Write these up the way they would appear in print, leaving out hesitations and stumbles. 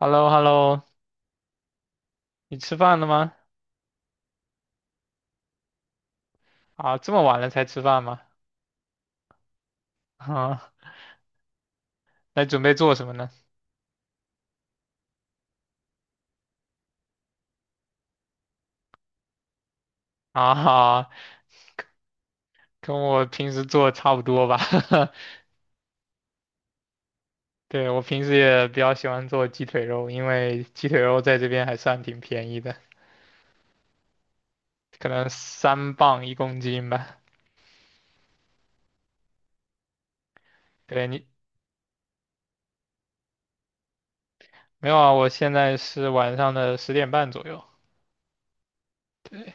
h e l l o h e l l o 你吃饭了吗？啊，这么晚了才吃饭吗？啊，那准备做什么呢？啊，跟我平时做差不多吧。对，我平时也比较喜欢做鸡腿肉，因为鸡腿肉在这边还算挺便宜的，可能3磅1公斤吧。对你，没有啊，我现在是晚上的10点半左右。对，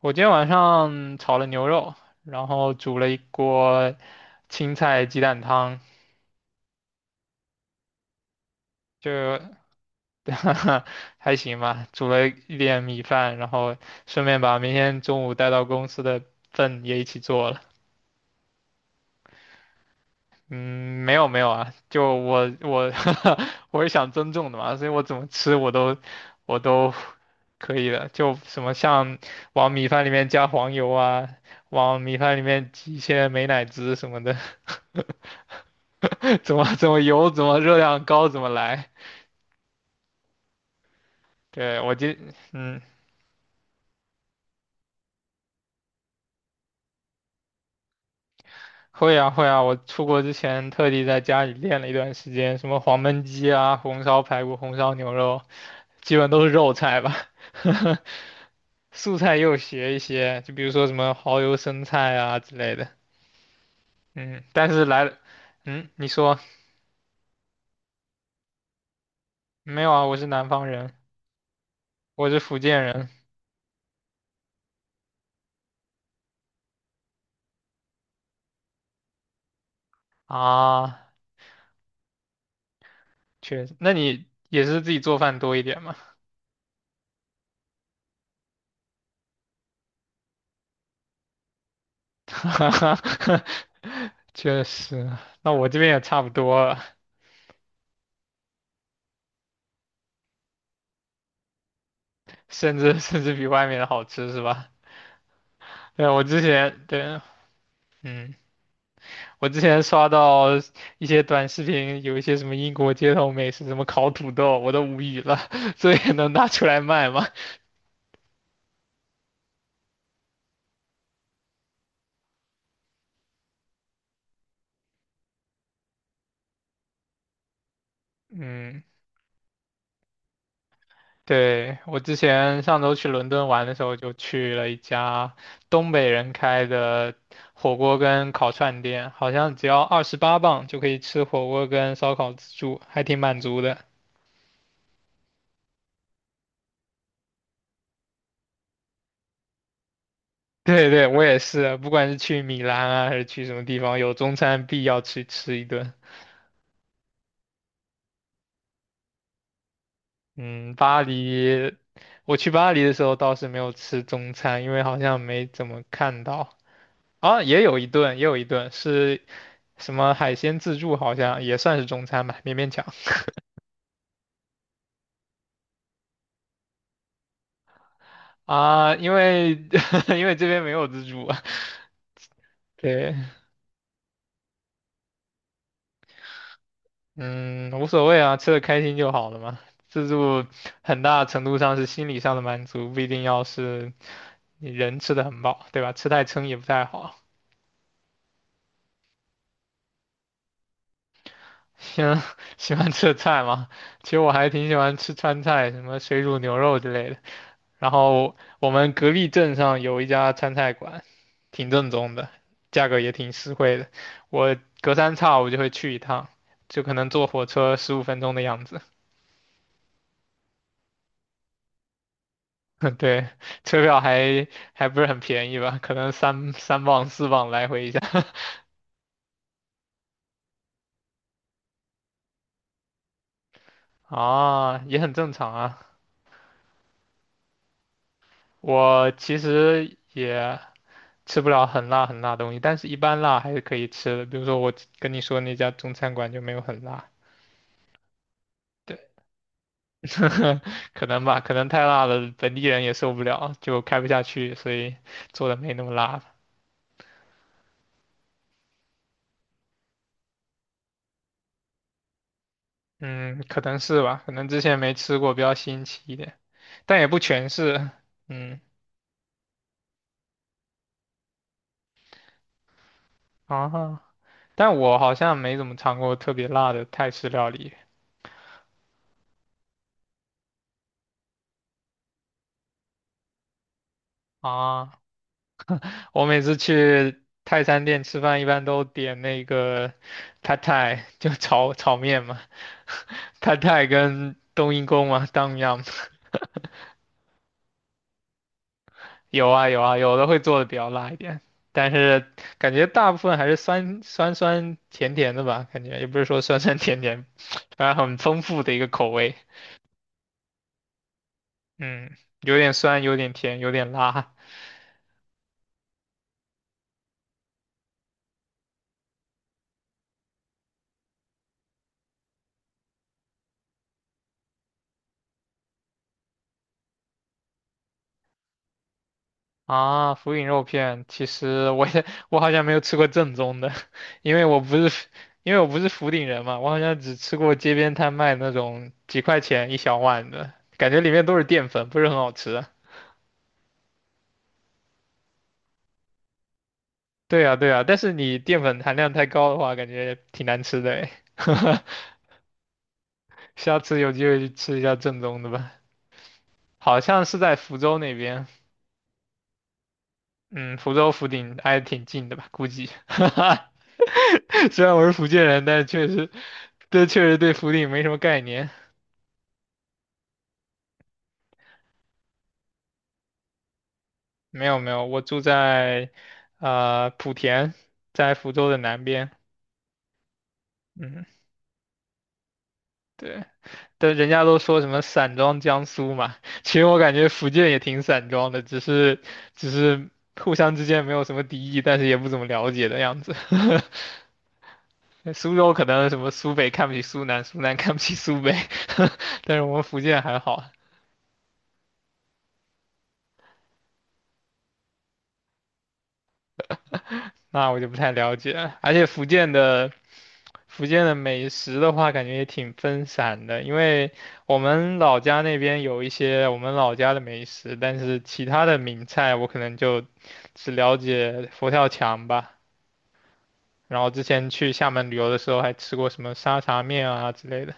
我今天晚上炒了牛肉，然后煮了一锅青菜鸡蛋汤。就 还行吧，煮了一点米饭，然后顺便把明天中午带到公司的份也一起做了。嗯，没有没有啊，就我 我是想增重的嘛，所以我怎么吃我都可以的，就什么像往米饭里面加黄油啊，往米饭里面挤一些美乃滋什么的，怎么油怎么热量高怎么来。对，我今嗯会啊会啊，我出国之前特地在家里练了一段时间，什么黄焖鸡啊、红烧排骨、红烧牛肉，基本都是肉菜吧。素菜又学一些，就比如说什么蚝油生菜啊之类的。嗯，但是来了，嗯，你说没有啊？我是南方人，我是福建人。啊，确实，那你也是自己做饭多一点嘛？确实，那我这边也差不多了，甚至比外面的好吃是吧？对，我之前对，嗯，我之前刷到一些短视频，有一些什么英国街头美食，什么烤土豆，我都无语了。这也能拿出来卖吗？嗯，对，我之前上周去伦敦玩的时候，就去了一家东北人开的火锅跟烤串店，好像只要28磅就可以吃火锅跟烧烤自助，还挺满足的。对对，我也是，不管是去米兰啊，还是去什么地方，有中餐必要去吃一顿。嗯，巴黎，我去巴黎的时候倒是没有吃中餐，因为好像没怎么看到。啊，也有一顿，也有一顿是什么海鲜自助，好像也算是中餐吧，勉勉强。啊，因为 因为这边没有自助啊。对，嗯，无所谓啊，吃的开心就好了嘛。自助很大程度上是心理上的满足，不一定要是你人吃的很饱，对吧？吃太撑也不太好。喜欢 喜欢吃的菜吗？其实我还挺喜欢吃川菜，什么水煮牛肉之类的。然后我们隔壁镇上有一家川菜馆，挺正宗的，价格也挺实惠的。我隔三差五就会去一趟，就可能坐火车15分钟的样子。对，车票还不是很便宜吧？可能三磅四磅来回一下。 啊，也很正常啊。我其实也吃不了很辣很辣的东西，但是一般辣还是可以吃的。比如说我跟你说那家中餐馆就没有很辣，对，可能吧，可能太辣了，本地人也受不了，就开不下去，所以做的没那么辣了。嗯，可能是吧，可能之前没吃过，比较新奇一点，但也不全是。嗯。啊，但我好像没怎么尝过特别辣的泰式料理。啊，我每次去泰餐店吃饭，一般都点那个 p a t a i 就炒炒面嘛 p a t a i 跟冬阴功嘛当 o m。 有啊有啊，有的会做的比较辣一点，但是感觉大部分还是酸酸甜甜的吧，感觉也不是说酸酸甜甜，反正很丰富的一个口味，嗯，有点酸，有点甜，有点辣。啊，福鼎肉片，其实我也 我好像没有吃过正宗的，因为我不是福因为我不是福鼎人嘛，我好像只吃过街边摊卖那种几块钱一小碗的，感觉里面都是淀粉，不是很好吃啊。对呀，对呀，但是你淀粉含量太高的话，感觉挺难吃的诶。下次有机会去吃一下正宗的吧，好像是在福州那边。嗯，福州福鼎挨得挺近的吧？估计，虽然我是福建人，但是确实，这确实对福鼎没什么概念。没有没有，我住在呃莆田，在福州的南边。嗯，对，但人家都说什么散装江苏嘛，其实我感觉福建也挺散装的，只是互相之间没有什么敌意，但是也不怎么了解的样子。苏州可能什么苏北看不起苏南，苏南看不起苏北，但是我们福建还好，那我就不太了解了。而且福建的美食的话，感觉也挺分散的，因为我们老家那边有一些我们老家的美食，但是其他的名菜我可能就只了解佛跳墙吧。然后之前去厦门旅游的时候，还吃过什么沙茶面啊之类的。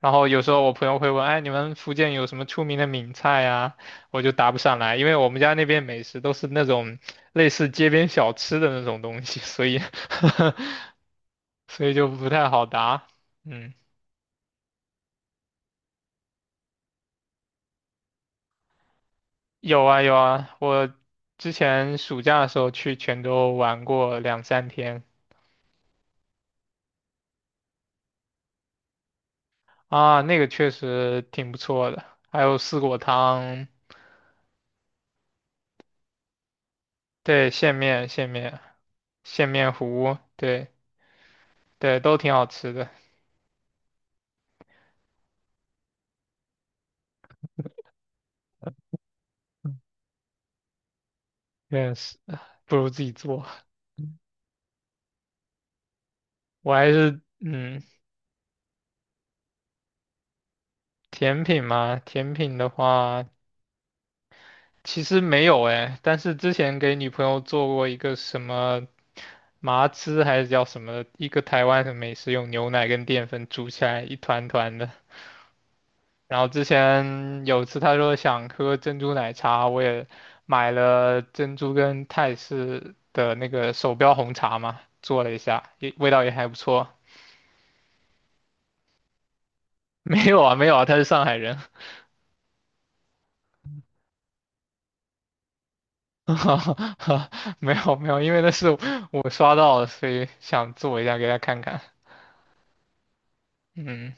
然后有时候我朋友会问，哎，你们福建有什么出名的闽菜呀？我就答不上来，因为我们家那边美食都是那种类似街边小吃的那种东西，所以 所以就不太好答。嗯，有啊有啊，我之前暑假的时候去泉州玩过两三天。啊，那个确实挺不错的，还有四果汤，对，线面线面线面糊，对对，都挺好吃的，但是不如自己做。我还是嗯，甜品嘛，甜品的话其实没有哎，但是之前给女朋友做过一个什么麻糍还是叫什么，一个台湾的美食，用牛奶跟淀粉煮起来一团团的。然后之前有次她说想喝珍珠奶茶，我也买了珍珠跟泰式的那个手标红茶嘛，做了一下，也味道也还不错。没有啊，没有啊，他是上海人。哈哈哈，没有没有，因为那是我刷到的，所以想做一下给他看看。嗯，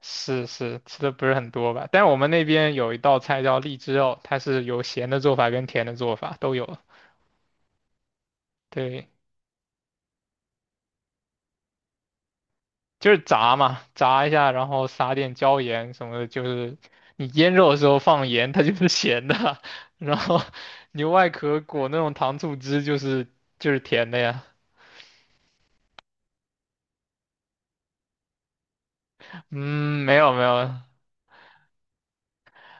是是，吃的不是很多吧？但我们那边有一道菜叫荔枝肉，它是有咸的做法跟甜的做法都有。对，就是炸嘛，炸一下，然后撒点椒盐什么的，就是你腌肉的时候放盐，它就是咸的，然后牛外壳裹那种糖醋汁，就是甜的呀。嗯，没有没有，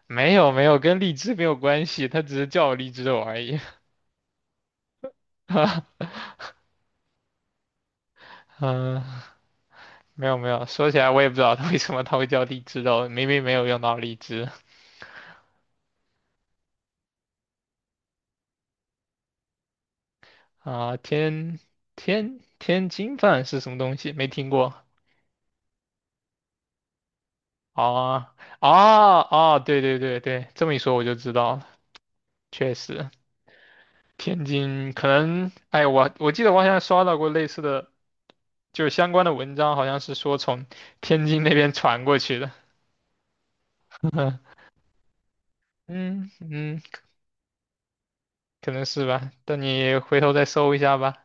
没有没有，跟荔枝没有关系，它只是叫我荔枝肉而已。嗯，没有没有，说起来我也不知道它为什么它会叫荔枝肉，明明没有用到荔枝。啊。天津饭是什么东西？没听过。啊啊啊！对对对对，这么一说我就知道了，确实天津可能，哎，我记得我好像刷到过类似的，就是相关的文章，好像是说从天津那边传过去的。嗯嗯，可能是吧。等你回头再搜一下吧。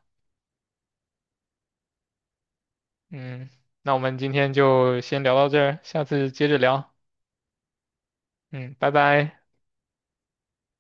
嗯，那我们今天就先聊到这儿，下次接着聊。嗯，拜拜。